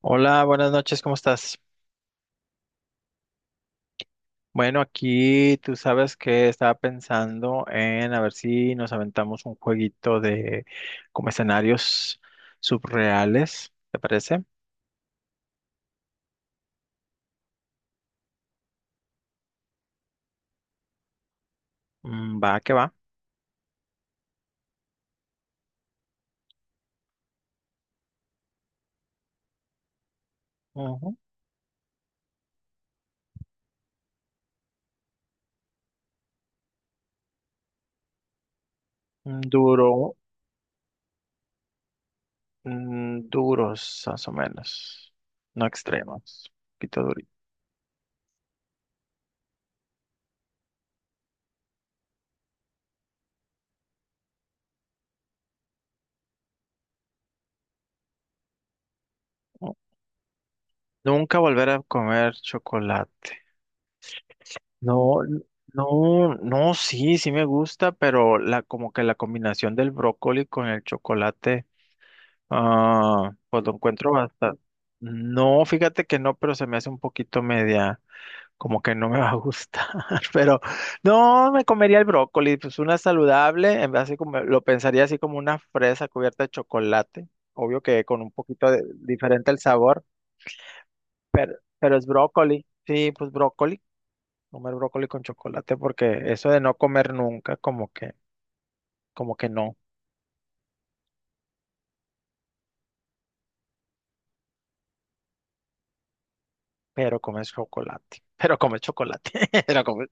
Hola, buenas noches, ¿cómo estás? Bueno, aquí tú sabes que estaba pensando en a ver si nos aventamos un jueguito de como escenarios subreales, ¿te parece? Va, que va. Ujú. Duro, duros, más o menos. No extremos, un poquito durito. ¿No? Nunca volver a comer chocolate. No, no, no, sí, sí me gusta, pero la como que la combinación del brócoli con el chocolate. Ah, pues lo encuentro bastante. No, fíjate que no, pero se me hace un poquito media, como que no me va a gustar. Pero no, me comería el brócoli, pues una saludable, en vez así como lo pensaría así como una fresa cubierta de chocolate. Obvio que con un poquito diferente el sabor, pero es brócoli. Sí, pues brócoli, comer brócoli con chocolate, porque eso de no comer nunca, como que no, pero comes chocolate. Pero comes chocolate, pero comes.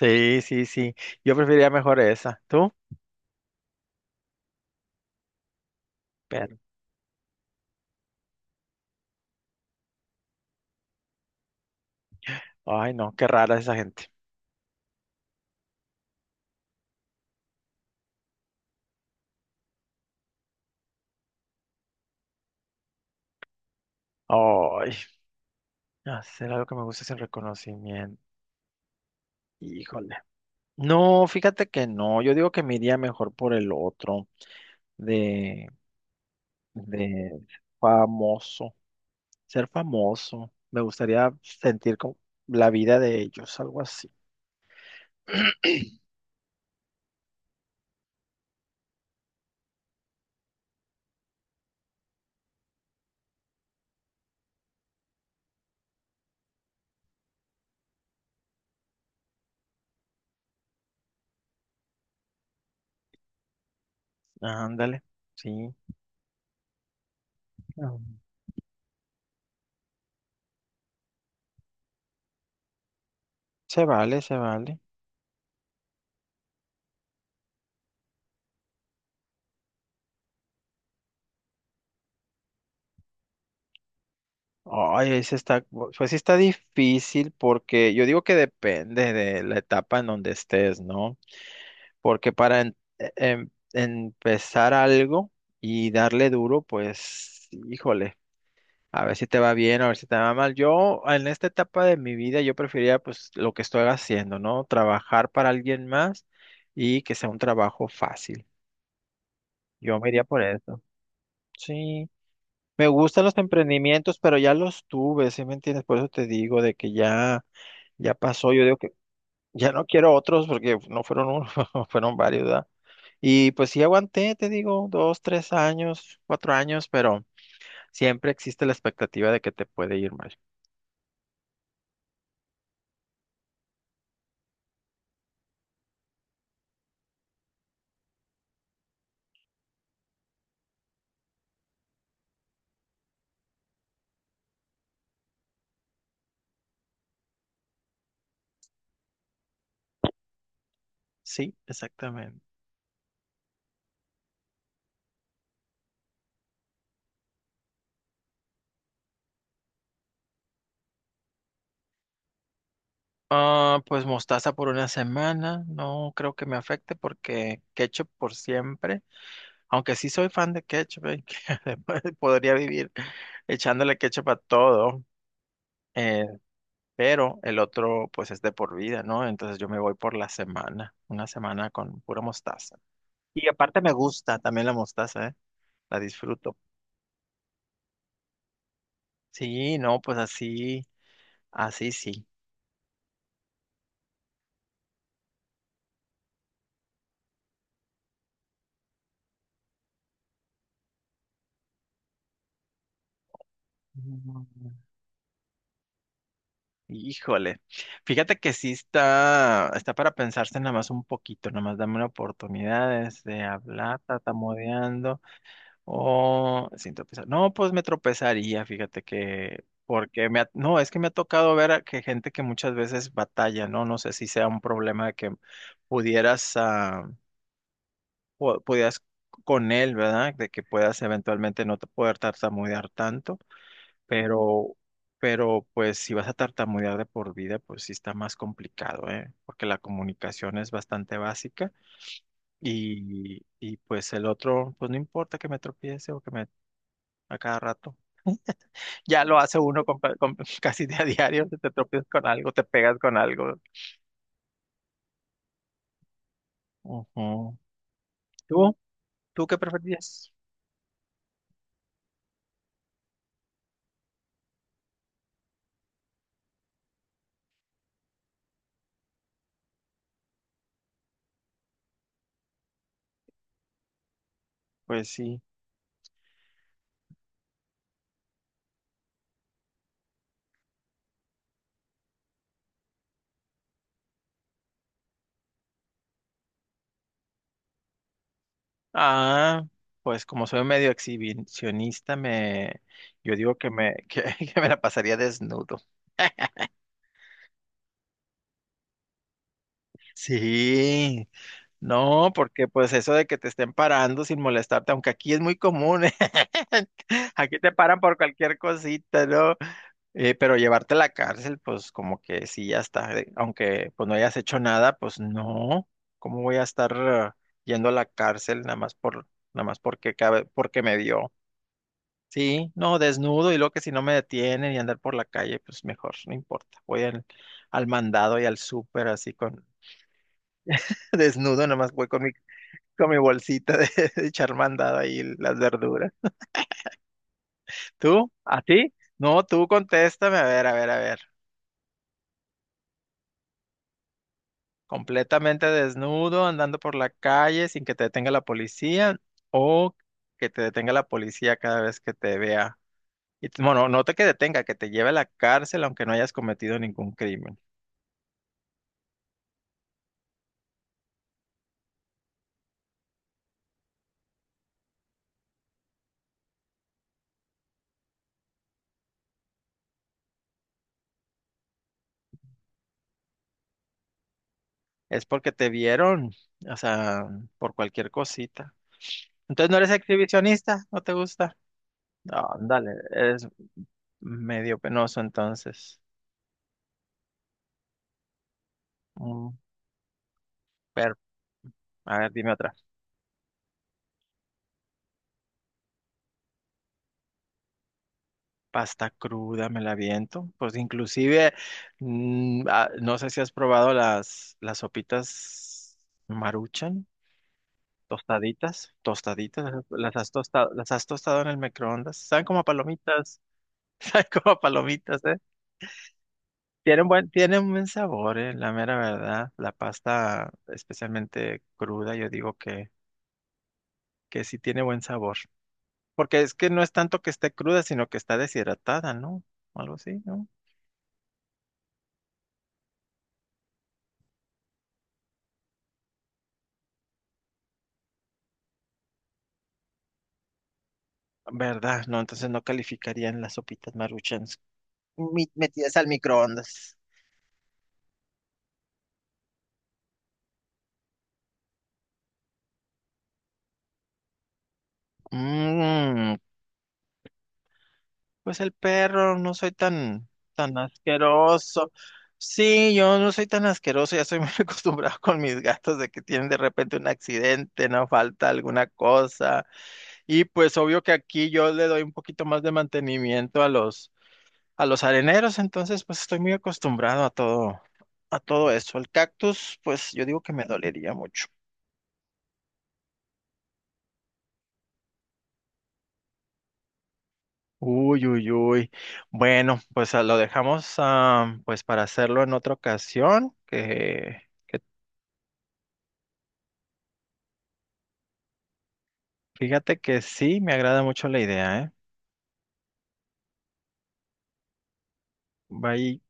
Sí, sí, sí. Yo preferiría mejor esa. ¿Tú? Pero, ay, no, qué rara esa gente. Ay, hacer algo que me guste sin reconocimiento. Híjole. No, fíjate que no. Yo digo que me iría mejor por el otro, de, de famoso. Ser famoso. Me gustaría sentir como la vida de ellos, algo así. Ándale, sí. Ah, se vale, se vale. Ay, ese está, pues sí está difícil porque yo digo que depende de la etapa en donde estés, ¿no? Porque para empezar algo y darle duro, pues, híjole, a ver si te va bien, a ver si te va mal. Yo en esta etapa de mi vida, yo prefería pues lo que estoy haciendo, ¿no? Trabajar para alguien más y que sea un trabajo fácil. Yo me iría por eso. Sí. Me gustan los emprendimientos, pero ya los tuve, ¿sí me entiendes? Por eso te digo de que ya, ya pasó. Yo digo que ya no quiero otros porque no fueron uno, fueron varios, ¿verdad? Y pues sí aguanté, te digo, 2, 3 años, 4 años, pero siempre existe la expectativa de que te puede ir mal. Sí, exactamente. Ah, pues mostaza por una semana, no creo que me afecte porque ketchup por siempre, aunque sí soy fan de ketchup, ¿eh? Que además podría vivir echándole ketchup a todo. Eh, pero el otro pues es de por vida, ¿no? Entonces yo me voy por la semana, una semana con pura mostaza. Y aparte me gusta también la mostaza, ¿eh? La disfruto. Sí, no, pues así, así sí. Mm, Híjole, fíjate que sí está, está para pensarse nada más un poquito, nada más dame una oportunidad de hablar, tartamudeando. Oh, sin tropezar. No, pues me tropezaría, fíjate que, porque no, es que me ha tocado ver a que gente que muchas veces batalla, ¿no? No sé si sea un problema de que pudieras, ah, pudieras con él, ¿verdad? De que puedas eventualmente no te poder tartamudear tanto, pero, pero pues si vas a tartamudear de por vida, pues sí está más complicado, ¿eh? Porque la comunicación es bastante básica y pues el otro, pues no importa que me tropiece o que me a cada rato. Ya lo hace uno casi de a diario, te tropiezas con algo, te pegas con algo. Ujú. ¿Tú? ¿Tú qué preferirías? Pues sí. Ah, pues como soy medio exhibicionista, me, yo digo que que me la pasaría desnudo. Sí, no, porque pues eso de que te estén parando sin molestarte, aunque aquí es muy común, ¿eh? Aquí te paran por cualquier cosita, ¿no? Pero llevarte a la cárcel, pues como que sí, ya está. Aunque pues no hayas hecho nada, pues no. ¿Cómo voy a estar yendo a la cárcel nada más por, nada más porque cabe, porque me dio? Sí, no, desnudo y luego que si no me detienen y andar por la calle, pues mejor, no importa. Voy al, al mandado y al súper así con desnudo, nada más voy con mi bolsita de, de echar mandado ahí las verduras. ¿Tú? ¿A ti? No, tú contéstame, a ver, a ver, a ver. Completamente desnudo, andando por la calle sin que te detenga la policía o que te detenga la policía cada vez que te vea. Y bueno, no te que detenga, que te lleve a la cárcel aunque no hayas cometido ningún crimen. Es porque te vieron, o sea, por cualquier cosita. Entonces no eres exhibicionista, no te gusta. No, dale, eres medio penoso entonces. Mm, pero, a ver, dime otra. Pasta cruda, me la aviento. Pues inclusive, no sé si has probado las sopitas Maruchan, tostaditas, tostaditas, las has tostado en el microondas. Saben como a palomitas, saben como a palomitas, ¿eh? Tienen buen sabor, la mera verdad. La pasta, especialmente cruda, yo digo que sí tiene buen sabor. Porque es que no es tanto que esté cruda, sino que está deshidratada, ¿no? Algo así, ¿no? ¿Verdad? No, entonces no calificarían las sopitas maruchans. Metidas al microondas. Mm, pues el perro, no soy tan, tan asqueroso. Sí, yo no soy tan asqueroso, ya soy muy acostumbrado con mis gatos de que tienen de repente un accidente, no falta alguna cosa. Y pues obvio que aquí yo le doy un poquito más de mantenimiento a los areneros, entonces pues estoy muy acostumbrado a todo eso. El cactus, pues yo digo que me dolería mucho. Uy, uy, uy. Bueno, pues lo dejamos pues para hacerlo en otra ocasión, que fíjate que sí, me agrada mucho la idea, ¿eh? Bye.